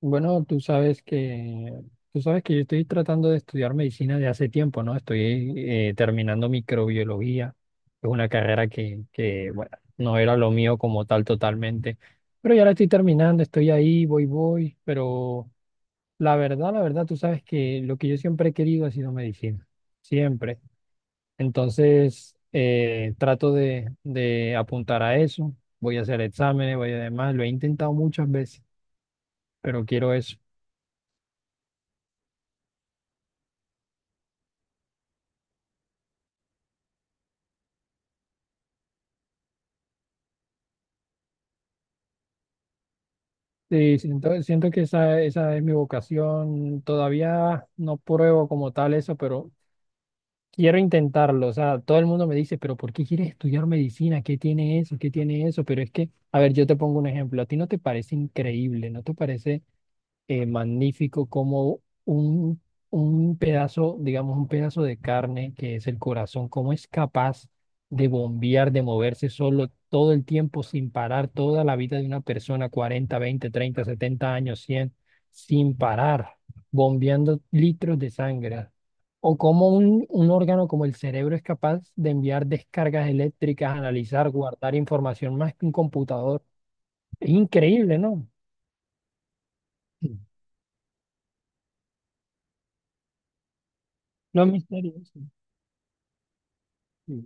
Bueno, tú sabes que yo estoy tratando de estudiar medicina de hace tiempo, ¿no? Estoy terminando microbiología. Es una carrera que, bueno, no era lo mío como tal totalmente. Pero ya la estoy terminando, estoy ahí, voy. Pero la verdad, tú sabes que lo que yo siempre he querido ha sido medicina. Siempre. Entonces, trato de apuntar a eso. Voy a hacer exámenes, voy a demás. Lo he intentado muchas veces, pero quiero eso. Sí, siento que esa es mi vocación. Todavía no pruebo como tal eso, pero quiero intentarlo. O sea, todo el mundo me dice, pero ¿por qué quieres estudiar medicina? ¿Qué tiene eso? ¿Qué tiene eso? Pero es que, a ver, yo te pongo un ejemplo. ¿A ti no te parece increíble? ¿No te parece? Magnífico como un pedazo, digamos, un pedazo de carne que es el corazón, cómo es capaz de bombear, de moverse solo todo el tiempo sin parar, toda la vida de una persona, 40 20 30 70 años, 100 sin parar, bombeando litros de sangre. O cómo un órgano como el cerebro es capaz de enviar descargas eléctricas, analizar, guardar información más que un computador. Es increíble, ¿no? Sí. Los misterios. Sí.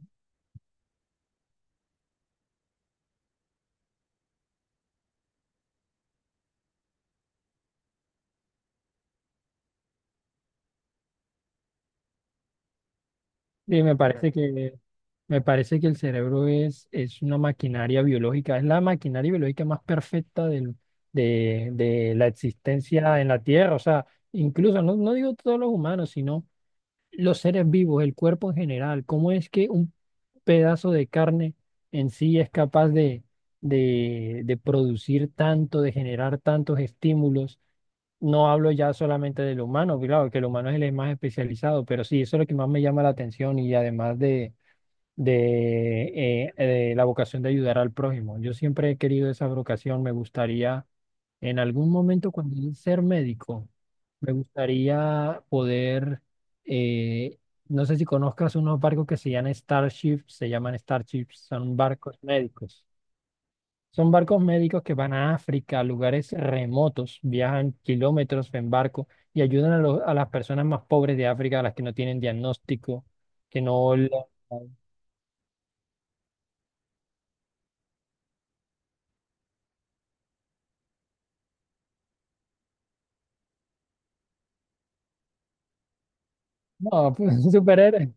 Sí, me parece que el cerebro es una maquinaria biológica, es la maquinaria biológica más perfecta del, de la existencia en la Tierra. O sea, incluso, no digo todos los humanos, sino los seres vivos, el cuerpo en general. ¿Cómo es que un pedazo de carne en sí es capaz de producir tanto, de generar tantos estímulos? No hablo ya solamente del humano, claro, que el humano es el más especializado, pero sí, eso es lo que más me llama la atención y además de de la vocación de ayudar al prójimo. Yo siempre he querido esa vocación, me gustaría en algún momento cuando llegue a ser médico, me gustaría poder, eh, no sé si conozcas unos barcos que se llaman Starships, son barcos médicos. Son barcos médicos que van a África, a lugares remotos, viajan kilómetros en barco y ayudan a, a las personas más pobres de África, a las que no tienen diagnóstico, que no, la- No, pues un superhéroe.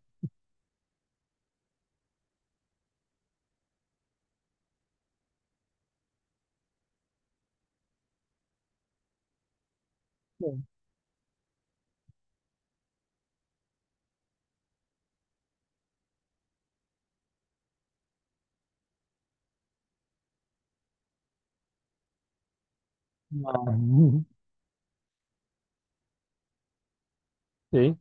No. Sí,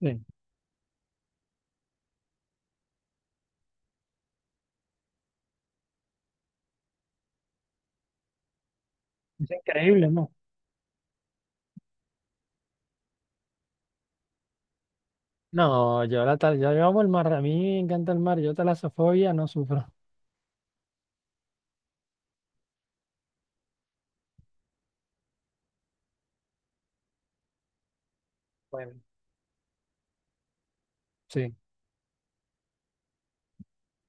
sí. Es increíble, ¿no? No, yo la tal, yo amo el mar, a mí me encanta el mar, yo talasofobia no sufro. Bueno, sí.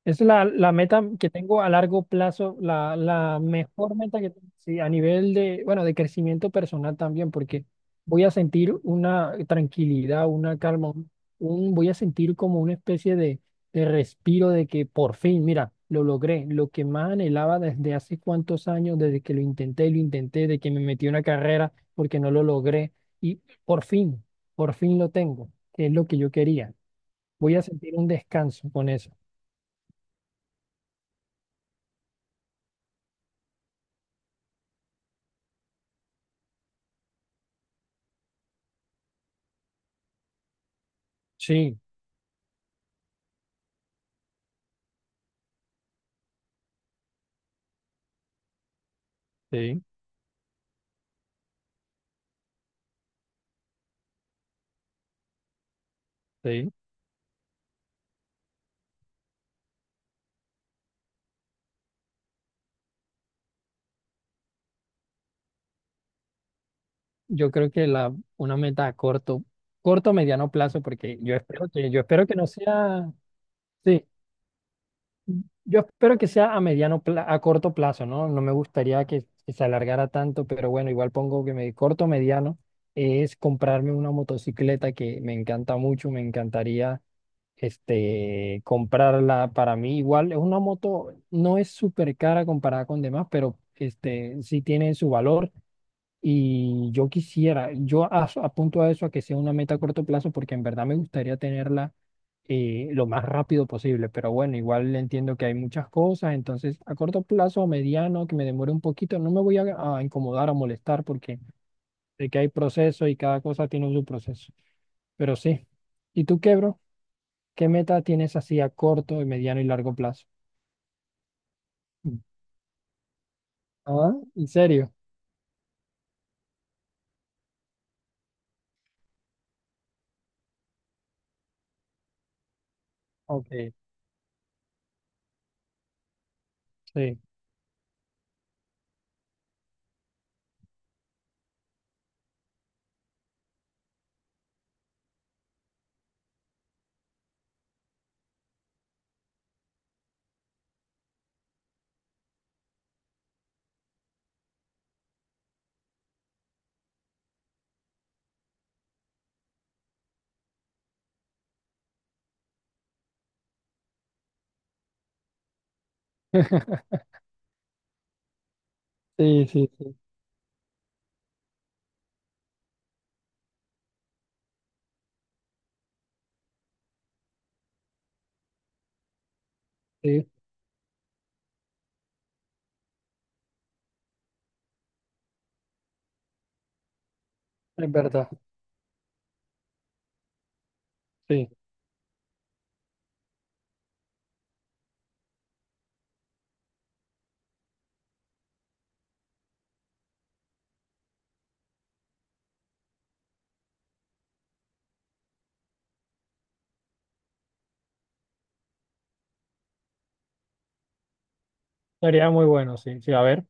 Es la meta que tengo a largo plazo, la mejor meta que tengo, sí, a nivel de, bueno, de crecimiento personal también, porque voy a sentir una tranquilidad, una calma, un- voy a sentir como una especie de respiro de que por fin, mira, lo logré, lo que más anhelaba desde hace cuántos años, desde que lo intenté, y lo intenté, de que me metí a una carrera porque no lo logré, y por fin, por fin lo tengo, que es lo que yo quería. Voy a sentir un descanso con eso. Sí. Sí. Sí, yo creo que la, una meta a corto, corto o mediano plazo, porque yo espero que no sea, sí, yo espero que sea a mediano, pla- a corto plazo, ¿no? No me gustaría que se alargara tanto, pero bueno, igual pongo que me corto o mediano es comprarme una motocicleta que me encanta mucho, me encantaría este, comprarla para mí. Igual es una moto, no es súper cara comparada con demás, pero este, sí tiene su valor. Y yo quisiera, yo as- apunto a eso a que sea una meta a corto plazo porque en verdad me gustaría tenerla, lo más rápido posible, pero bueno, igual entiendo que hay muchas cosas, entonces a corto plazo, mediano, que me demore un poquito, no me voy a incomodar, a molestar porque sé que hay proceso y cada cosa tiene su proceso, pero sí. ¿Y tú qué, bro? ¿Qué meta tienes así a corto, mediano y largo plazo? Mm. ¿Ah? ¿En serio? Ok, sí. Sí, sí, sí, sí, es verdad, sí. Sería muy bueno, sí. Sí, a ver,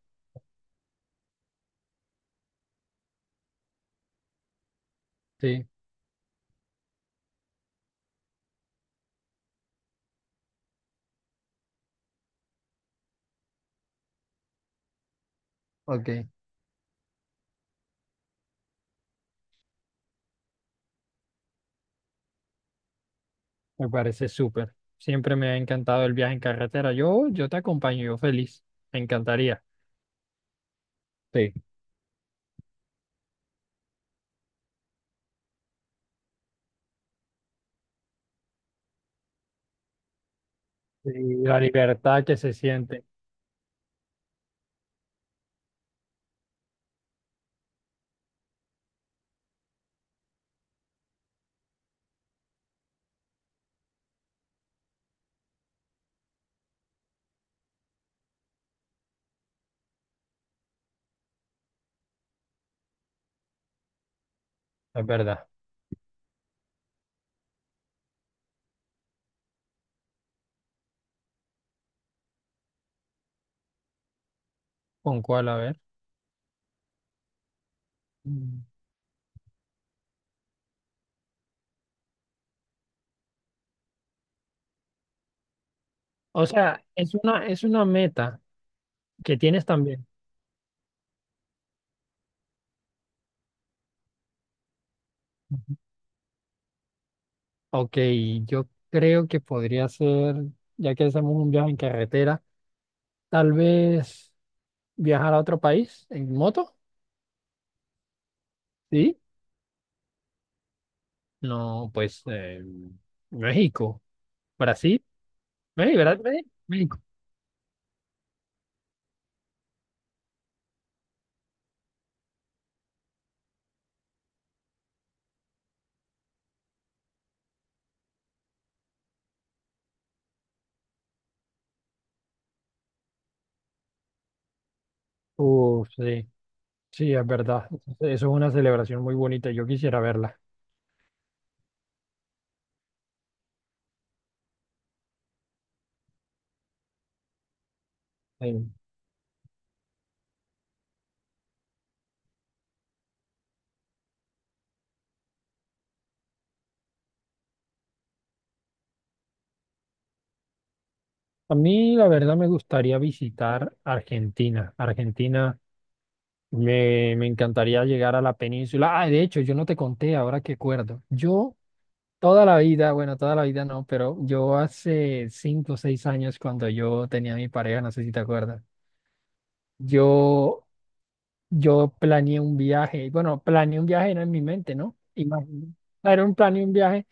sí, Ok. Me parece súper. Siempre me ha encantado el viaje en carretera. Yo te acompaño, yo feliz. Me encantaría. Sí. Y la libertad que se siente. Es verdad. ¿Con cuál? A ver. Mm. O sea, es una meta que tienes también. Ujú. Ok, yo creo que podría ser, ya que hacemos un viaje en carretera, tal vez viajar a otro país en moto, ¿sí? No, pues México, Brasil. Ey, ¿verdad? Ey, México. Uf, sí, sí, es verdad. Eso es una celebración muy bonita. Yo quisiera verla. Ey. A mí, la verdad, me gustaría visitar Argentina. Argentina, me encantaría llegar a la península. Ah, de hecho, yo no te conté, ahora que acuerdo. Yo toda la vida, bueno, toda la vida no, pero yo hace 5 o 6 años, cuando yo tenía a mi pareja, no sé si te acuerdas, yo Yo planeé un viaje, bueno, planeé un viaje era en mi mente, ¿no? Imagino. Era un planeé un viaje,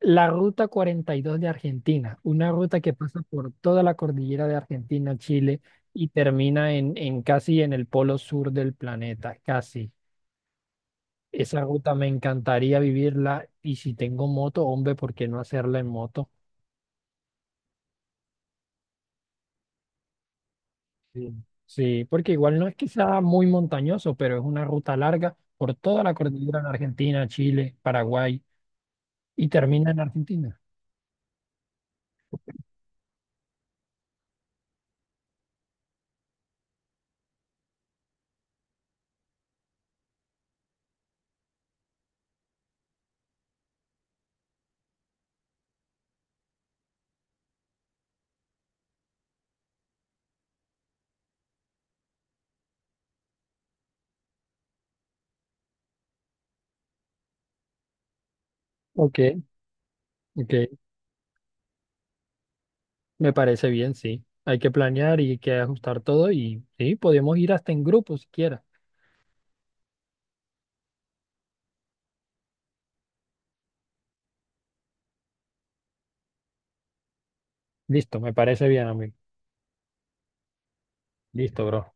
la ruta 42 de Argentina, una ruta que pasa por toda la cordillera de Argentina, Chile y termina en casi en el polo sur del planeta, casi. Esa ruta me encantaría vivirla y si tengo moto, hombre, ¿por qué no hacerla en moto? Sí, sí, porque igual no es que sea muy montañoso, pero es una ruta larga por toda la cordillera en Argentina, Chile, Paraguay. Y termina en Argentina. Ok, ok, me parece bien, sí. Hay que planear y hay que ajustar todo y sí, podemos ir hasta en grupo si quieres. Listo, me parece bien, amigo. Listo, bro.